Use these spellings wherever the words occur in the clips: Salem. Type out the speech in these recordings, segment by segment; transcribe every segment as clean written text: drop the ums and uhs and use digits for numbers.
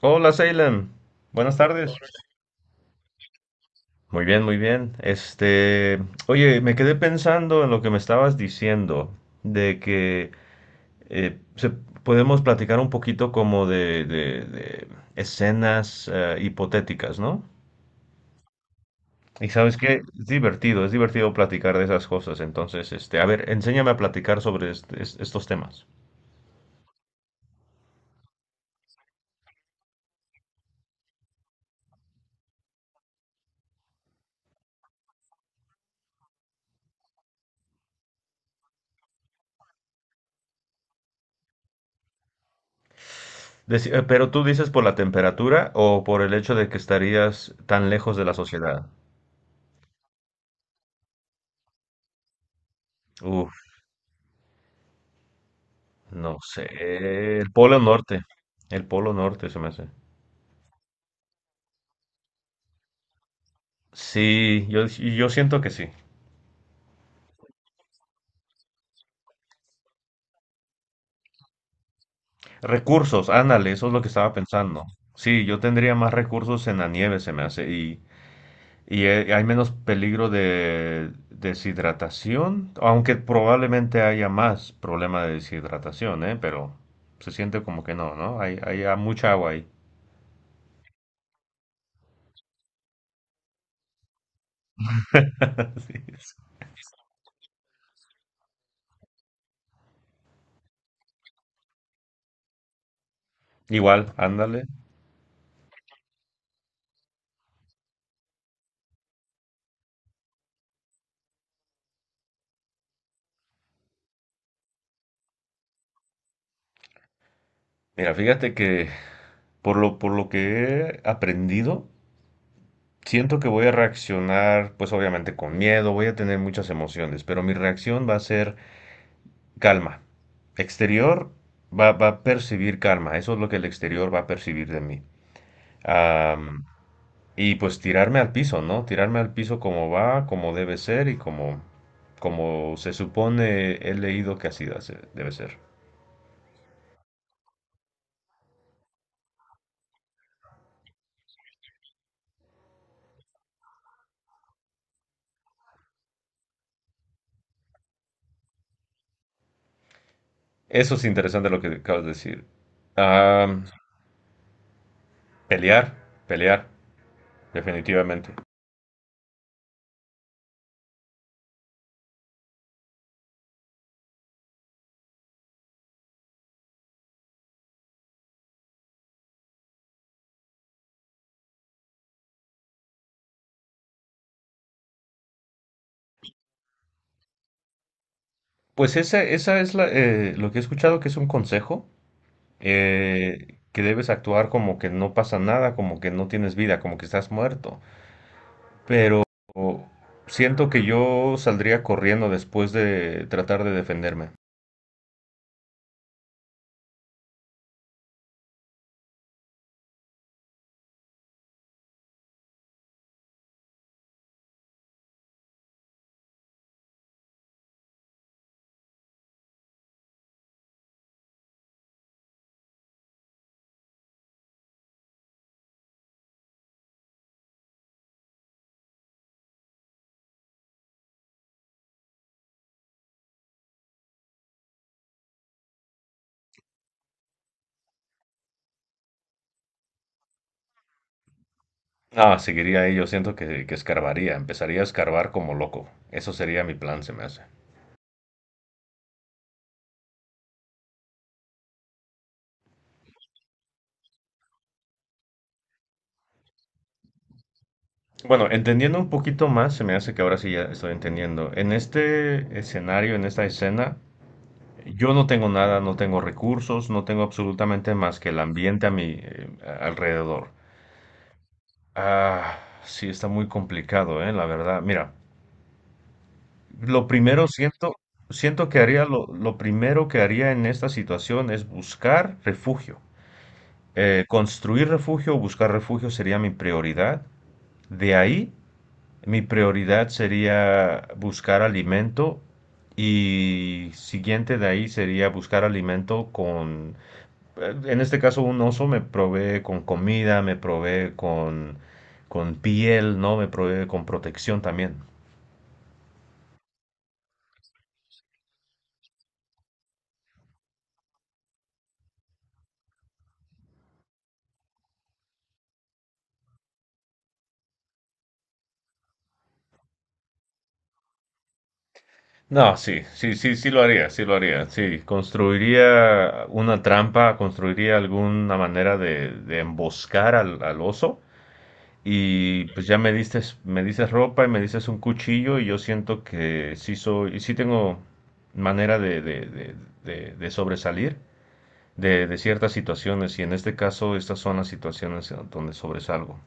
Hola, Salem. Buenas tardes. Muy bien, muy bien. Oye, me quedé pensando en lo que me estabas diciendo, de que podemos platicar un poquito como de escenas hipotéticas, ¿no? Y sabes qué, es divertido platicar de esas cosas. Entonces, a ver, enséñame a platicar sobre estos temas. Pero tú dices por la temperatura o por el hecho de que estarías tan lejos de la sociedad. Uf. No sé, el Polo Norte. El Polo Norte se me hace. Sí, yo siento que sí. Recursos, ándale, eso es lo que estaba pensando. Sí, yo tendría más recursos en la nieve, se me hace, y, hay menos peligro de deshidratación, aunque probablemente haya más problema de deshidratación, ¿eh? Pero se siente como que no, ¿no? Mucha agua ahí. Sí. Igual, ándale. Mira, fíjate que por lo que he aprendido, siento que voy a reaccionar, pues obviamente con miedo, voy a tener muchas emociones, pero mi reacción va a ser calma. Exterior va a percibir calma, eso es lo que el exterior va a percibir de mí. Am, y pues tirarme al piso, ¿no? Tirarme al piso como va, como debe ser y como, como se supone he leído que debe ser. Eso es interesante lo que acabas de decir. Am, Pelear, pelear, definitivamente. Pues esa es lo que he escuchado que es un consejo, que debes actuar como que no pasa nada, como que no tienes vida, como que estás muerto. Pero siento que yo saldría corriendo después de tratar de defenderme. Ah, seguiría ahí, yo siento que escarbaría, empezaría a escarbar como loco. Eso sería mi plan, se me hace. Bueno, entendiendo un poquito más, se me hace que ahora sí ya estoy entendiendo. En este escenario, en esta escena, yo no tengo nada, no tengo recursos, no tengo absolutamente más que el ambiente a mi alrededor. Ah, sí, está muy complicado, la verdad. Mira, lo primero siento, siento que haría lo primero que haría en esta situación es buscar refugio. Construir refugio o buscar refugio sería mi prioridad. De ahí, mi prioridad sería buscar alimento y siguiente de ahí sería buscar alimento con. En este caso, un oso me provee con comida, me provee con piel, ¿no? Me provee con protección también. No, sí, sí, sí, sí lo haría, sí lo haría, sí. Construiría una trampa, construiría alguna manera de, de emboscar al oso. Y pues ya me diste, me dices ropa y me dices un cuchillo y yo siento que sí soy, sí tengo manera de sobresalir. De ciertas situaciones y en este caso estas son las situaciones donde sobresalgo.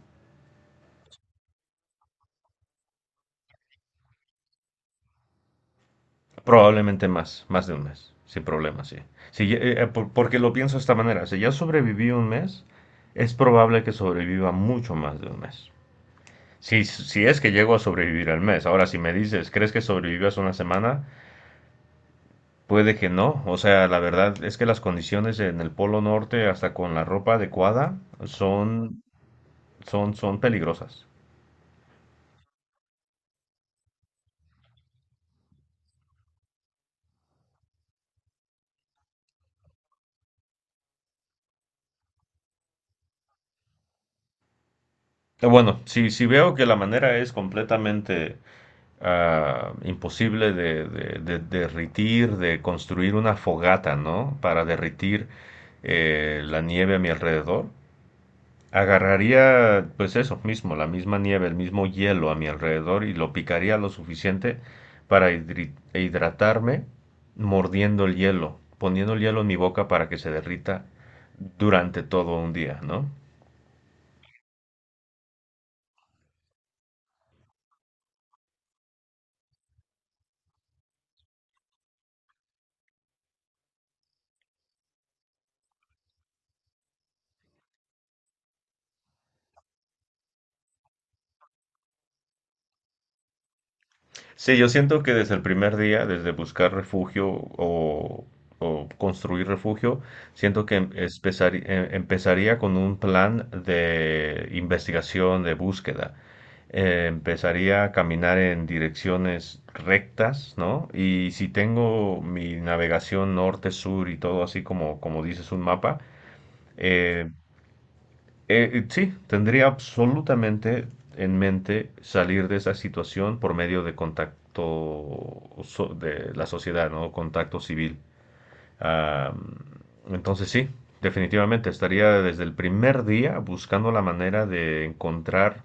Probablemente más, más de un mes, sin problema, sí. Si porque lo pienso de esta manera, si ya sobreviví un mes, es probable que sobreviva mucho más de un mes. Si, si es que llego a sobrevivir al mes, ahora si me dices, ¿crees que sobrevivas una semana? Puede que no, o sea, la verdad es que las condiciones en el Polo Norte, hasta con la ropa adecuada, son, son peligrosas. Bueno, si, si veo que la manera es completamente ah, imposible de derritir, de construir una fogata, ¿no? Para derritir la nieve a mi alrededor, agarraría pues eso mismo, la misma nieve, el mismo hielo a mi alrededor y lo picaría lo suficiente para hidratarme mordiendo el hielo, poniendo el hielo en mi boca para que se derrita durante todo un día, ¿no? Sí, yo siento que desde el primer día, desde buscar refugio o, o construir refugio, siento que empezaría con un plan de investigación, de búsqueda. Empezaría a caminar en direcciones rectas, ¿no? Y si tengo mi navegación norte-sur y todo así como, como dices un mapa, eh, sí, tendría absolutamente en mente salir de esa situación por medio de de la sociedad, ¿no? Contacto civil. Ah, entonces sí, definitivamente estaría desde el primer día buscando la manera de encontrar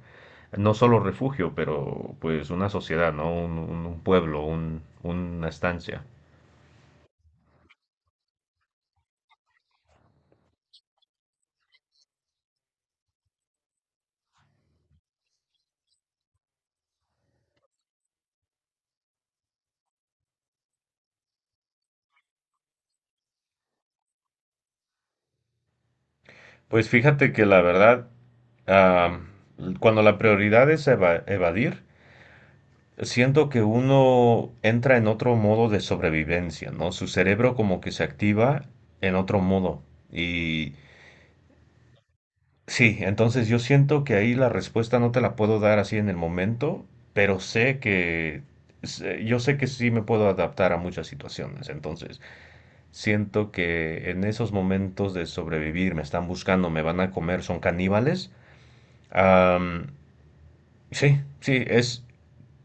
no solo refugio, pero pues una sociedad, ¿no? Un pueblo, una estancia. Pues fíjate que la verdad, ah, cuando la prioridad es evadir, siento que uno entra en otro modo de sobrevivencia, ¿no? Su cerebro como que se activa en otro modo. Y sí, entonces yo siento que ahí la respuesta no te la puedo dar así en el momento, pero yo sé que sí me puedo adaptar a muchas situaciones. Entonces, siento que en esos momentos de sobrevivir me están buscando, me van a comer, son caníbales. Am, sí, sí, es,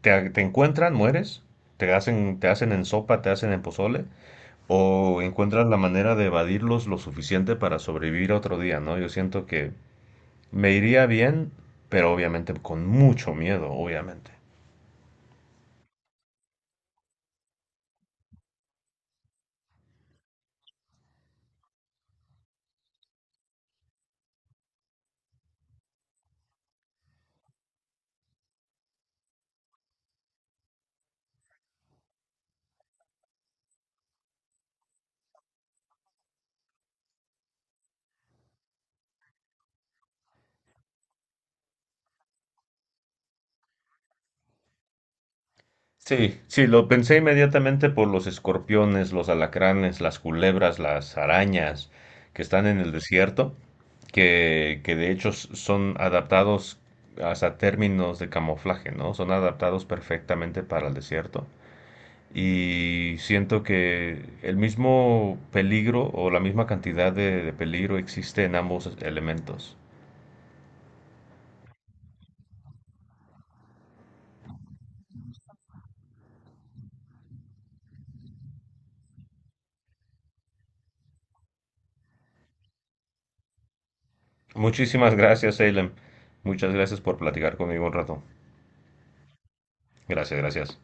Te encuentran, mueres, te hacen en sopa, te hacen en pozole, o encuentras la manera de evadirlos lo suficiente para sobrevivir otro día, ¿no? Yo siento que me iría bien, pero obviamente con mucho miedo, obviamente. Sí, sí, lo pensé inmediatamente por los escorpiones, los alacranes, las culebras, las arañas que están en el desierto, que de hecho son adaptados hasta términos de camuflaje, ¿no? Son adaptados perfectamente para el desierto. Y siento que el mismo peligro o la misma cantidad de peligro existe en ambos elementos. Muchísimas gracias, Salem. Muchas gracias por platicar conmigo un rato. Gracias, gracias.